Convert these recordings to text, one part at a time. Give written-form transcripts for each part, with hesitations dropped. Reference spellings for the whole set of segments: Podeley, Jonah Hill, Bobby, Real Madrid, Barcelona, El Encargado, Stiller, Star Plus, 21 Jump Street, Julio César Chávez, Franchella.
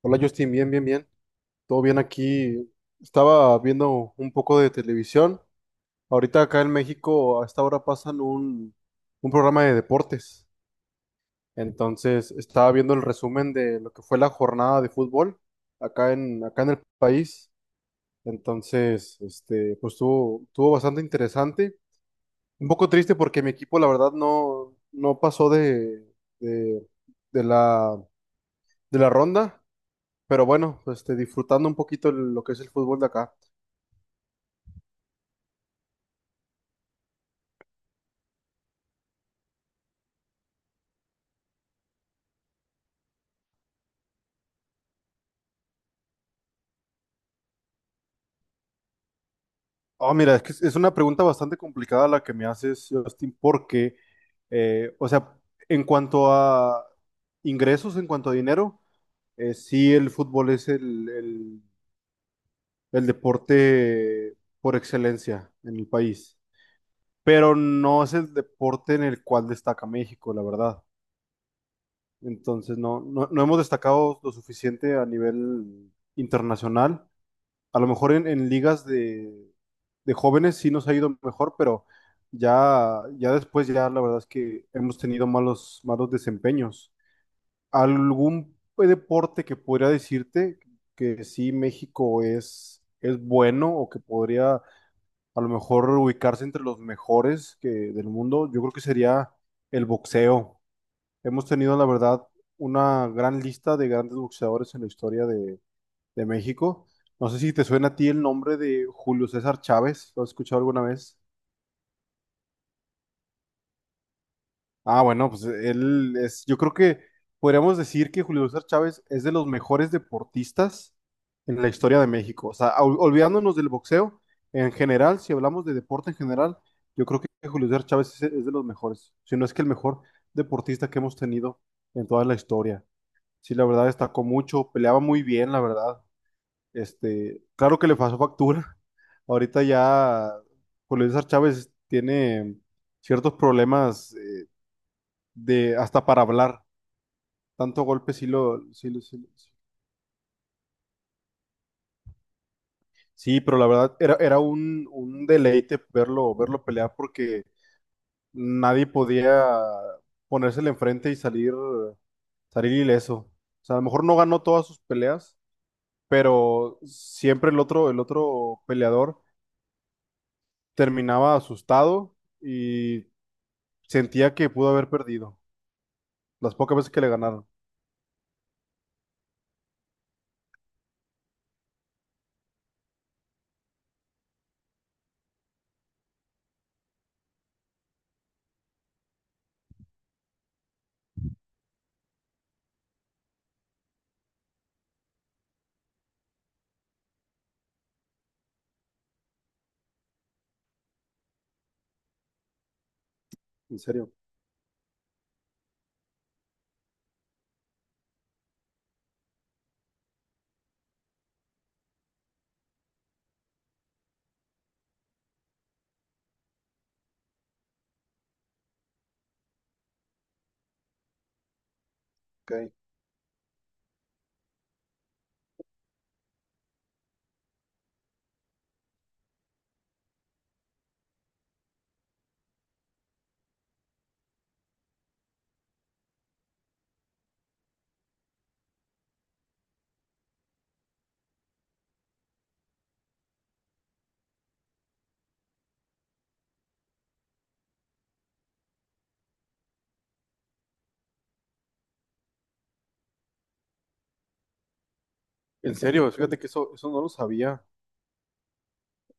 Hola Justin, bien, bien, bien. Todo bien aquí. Estaba viendo un poco de televisión. Ahorita acá en México a esta hora pasan un programa de deportes. Entonces estaba viendo el resumen de lo que fue la jornada de fútbol acá en el país. Entonces, este, pues estuvo bastante interesante. Un poco triste porque mi equipo, la verdad, no pasó de, de la, de la ronda. Pero bueno, pues, este, disfrutando un poquito lo que es el fútbol de acá. Ah, mira, es que es una pregunta bastante complicada la que me haces, Justin, porque, o sea, en cuanto a ingresos, en cuanto a dinero, sí el fútbol es el deporte por excelencia en el país, pero no es el deporte en el cual destaca México, la verdad. Entonces, no hemos destacado lo suficiente a nivel internacional. A lo mejor en ligas de jóvenes sí nos ha ido mejor, pero ya después, ya la verdad es que hemos tenido malos, malos desempeños. ¿Algún deporte que podría decirte que sí México es bueno o que podría a lo mejor ubicarse entre los mejores del mundo? Yo creo que sería el boxeo. Hemos tenido, la verdad, una gran lista de grandes boxeadores en la historia de México. No sé si te suena a ti el nombre de Julio César Chávez, ¿lo has escuchado alguna vez? Ah, bueno, pues yo creo que podríamos decir que Julio César Chávez es de los mejores deportistas en la historia de México. O sea, olvidándonos del boxeo, en general, si hablamos de deporte en general, yo creo que Julio César Chávez es de los mejores, si no es que el mejor deportista que hemos tenido en toda la historia. Sí, la verdad destacó mucho, peleaba muy bien, la verdad. Este, claro que le pasó factura. Ahorita ya Julio César Chávez tiene ciertos problemas de hasta para hablar. Tanto golpe sí lo, sí, sí. Sí, pero la verdad era un deleite verlo pelear porque nadie podía ponérsele enfrente y salir ileso. O sea, a lo mejor no ganó todas sus peleas, pero siempre el otro peleador terminaba asustado y sentía que pudo haber perdido. Las pocas veces que le ganaron. En serio. Ok. En serio, fíjate que eso no lo sabía.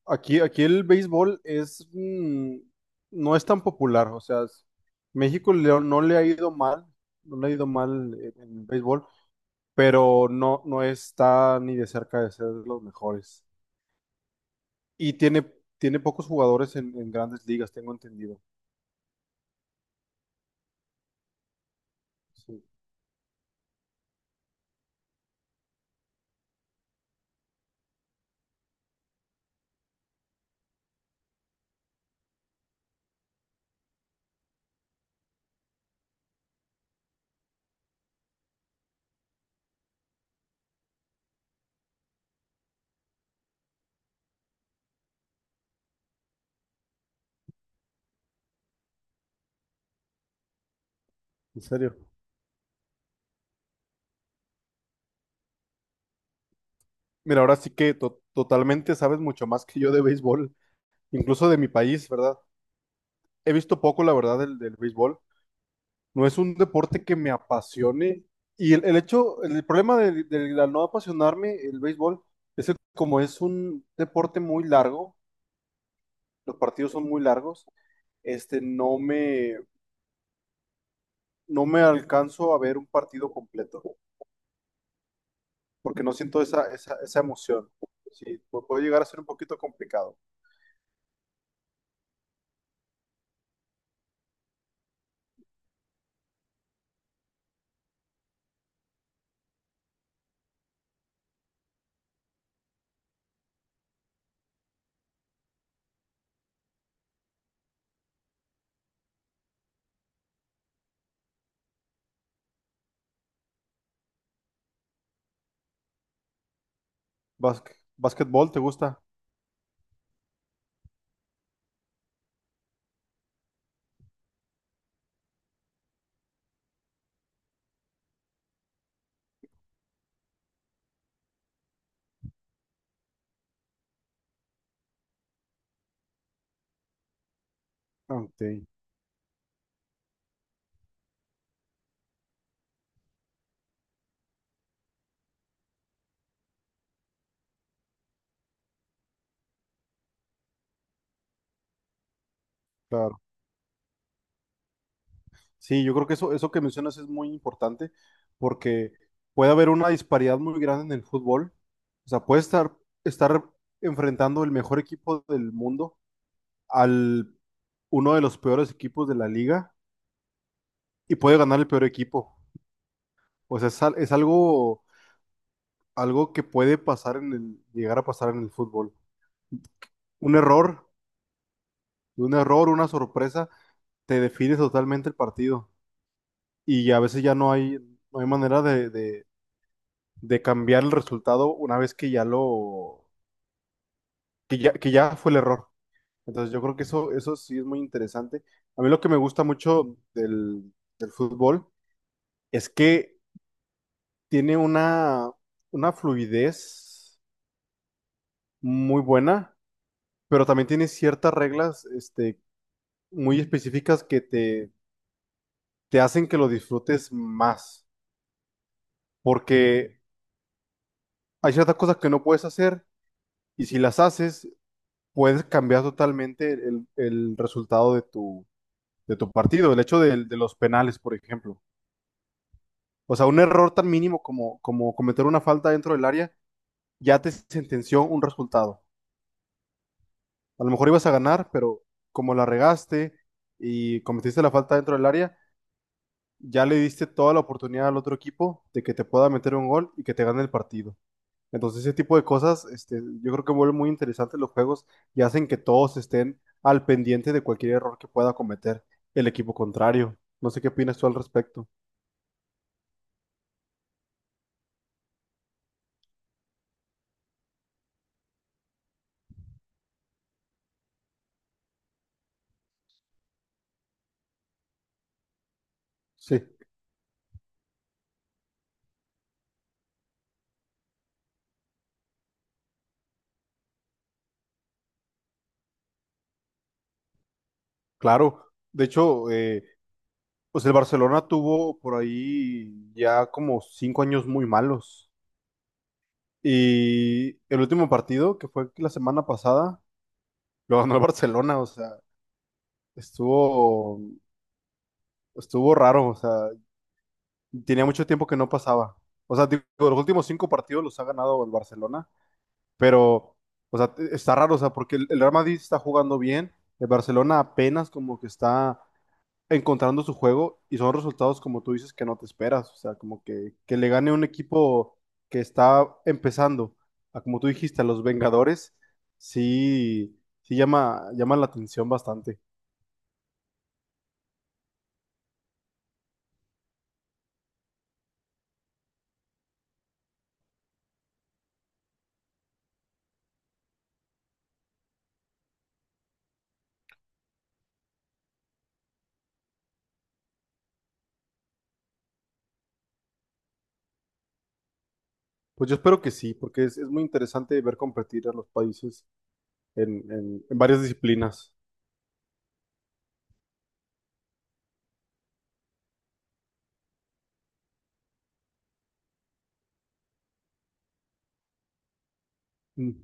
Aquí el béisbol es, no es tan popular, o sea, México no le ha ido mal, no le ha ido mal en el béisbol, pero no está ni de cerca de ser de los mejores. Y tiene pocos jugadores en grandes ligas, tengo entendido. Sí, en serio. Mira, ahora sí que totalmente sabes mucho más que yo de béisbol, incluso de mi país, ¿verdad? He visto poco, la verdad, del béisbol. No es un deporte que me apasione. Y el hecho, el problema de la no apasionarme el béisbol es que como es un deporte muy largo, los partidos son muy largos, este, no me alcanzo a ver un partido completo, porque no siento esa emoción. Sí, puede llegar a ser un poquito complicado. ¿Básquetbol te gusta? Ah, Ok, claro. Sí, yo creo que eso que mencionas es muy importante porque puede haber una disparidad muy grande en el fútbol. O sea, puede estar enfrentando el mejor equipo del mundo al uno de los peores equipos de la liga y puede ganar el peor equipo. O sea, es algo que puede pasar llegar a pasar en el fútbol. Un error, un error, una sorpresa, te define totalmente el partido. Y a veces ya no hay manera de cambiar el resultado una vez que ya fue el error. Entonces yo creo que eso sí es muy interesante. A mí lo que me gusta mucho del fútbol es que tiene una fluidez muy buena, pero también tiene ciertas reglas, este, muy específicas que te hacen que lo disfrutes más, porque hay ciertas cosas que no puedes hacer y si las haces, puedes cambiar totalmente el resultado de tu partido, el hecho de los penales, por ejemplo. O sea, un error tan mínimo como cometer una falta dentro del área ya te sentenció un resultado. A lo mejor ibas a ganar, pero como la regaste y cometiste la falta dentro del área, ya le diste toda la oportunidad al otro equipo de que te pueda meter un gol y que te gane el partido. Entonces, ese tipo de cosas, este, yo creo que vuelven muy interesantes los juegos y hacen que todos estén al pendiente de cualquier error que pueda cometer el equipo contrario. No sé qué opinas tú al respecto. Sí. Claro, de hecho, pues el Barcelona tuvo por ahí ya como 5 años muy malos. Y el último partido, que fue la semana pasada, lo ganó el Barcelona, o sea, estuvo, estuvo raro, o sea, tenía mucho tiempo que no pasaba. O sea, digo, los últimos cinco partidos los ha ganado el Barcelona, pero, o sea, está raro, o sea, porque el Real Madrid está jugando bien, el Barcelona apenas como que está encontrando su juego y son resultados, como tú dices, que no te esperas. O sea, como que le gane un equipo que está empezando, como tú dijiste, a los Vengadores, sí, sí llama la atención bastante. Pues yo espero que sí, porque es muy interesante ver competir a los países en varias disciplinas. Mm.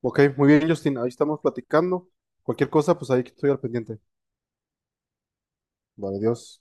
Ok, muy bien, Justin, ahí estamos platicando. Cualquier cosa, pues ahí estoy al pendiente. Vale, adiós.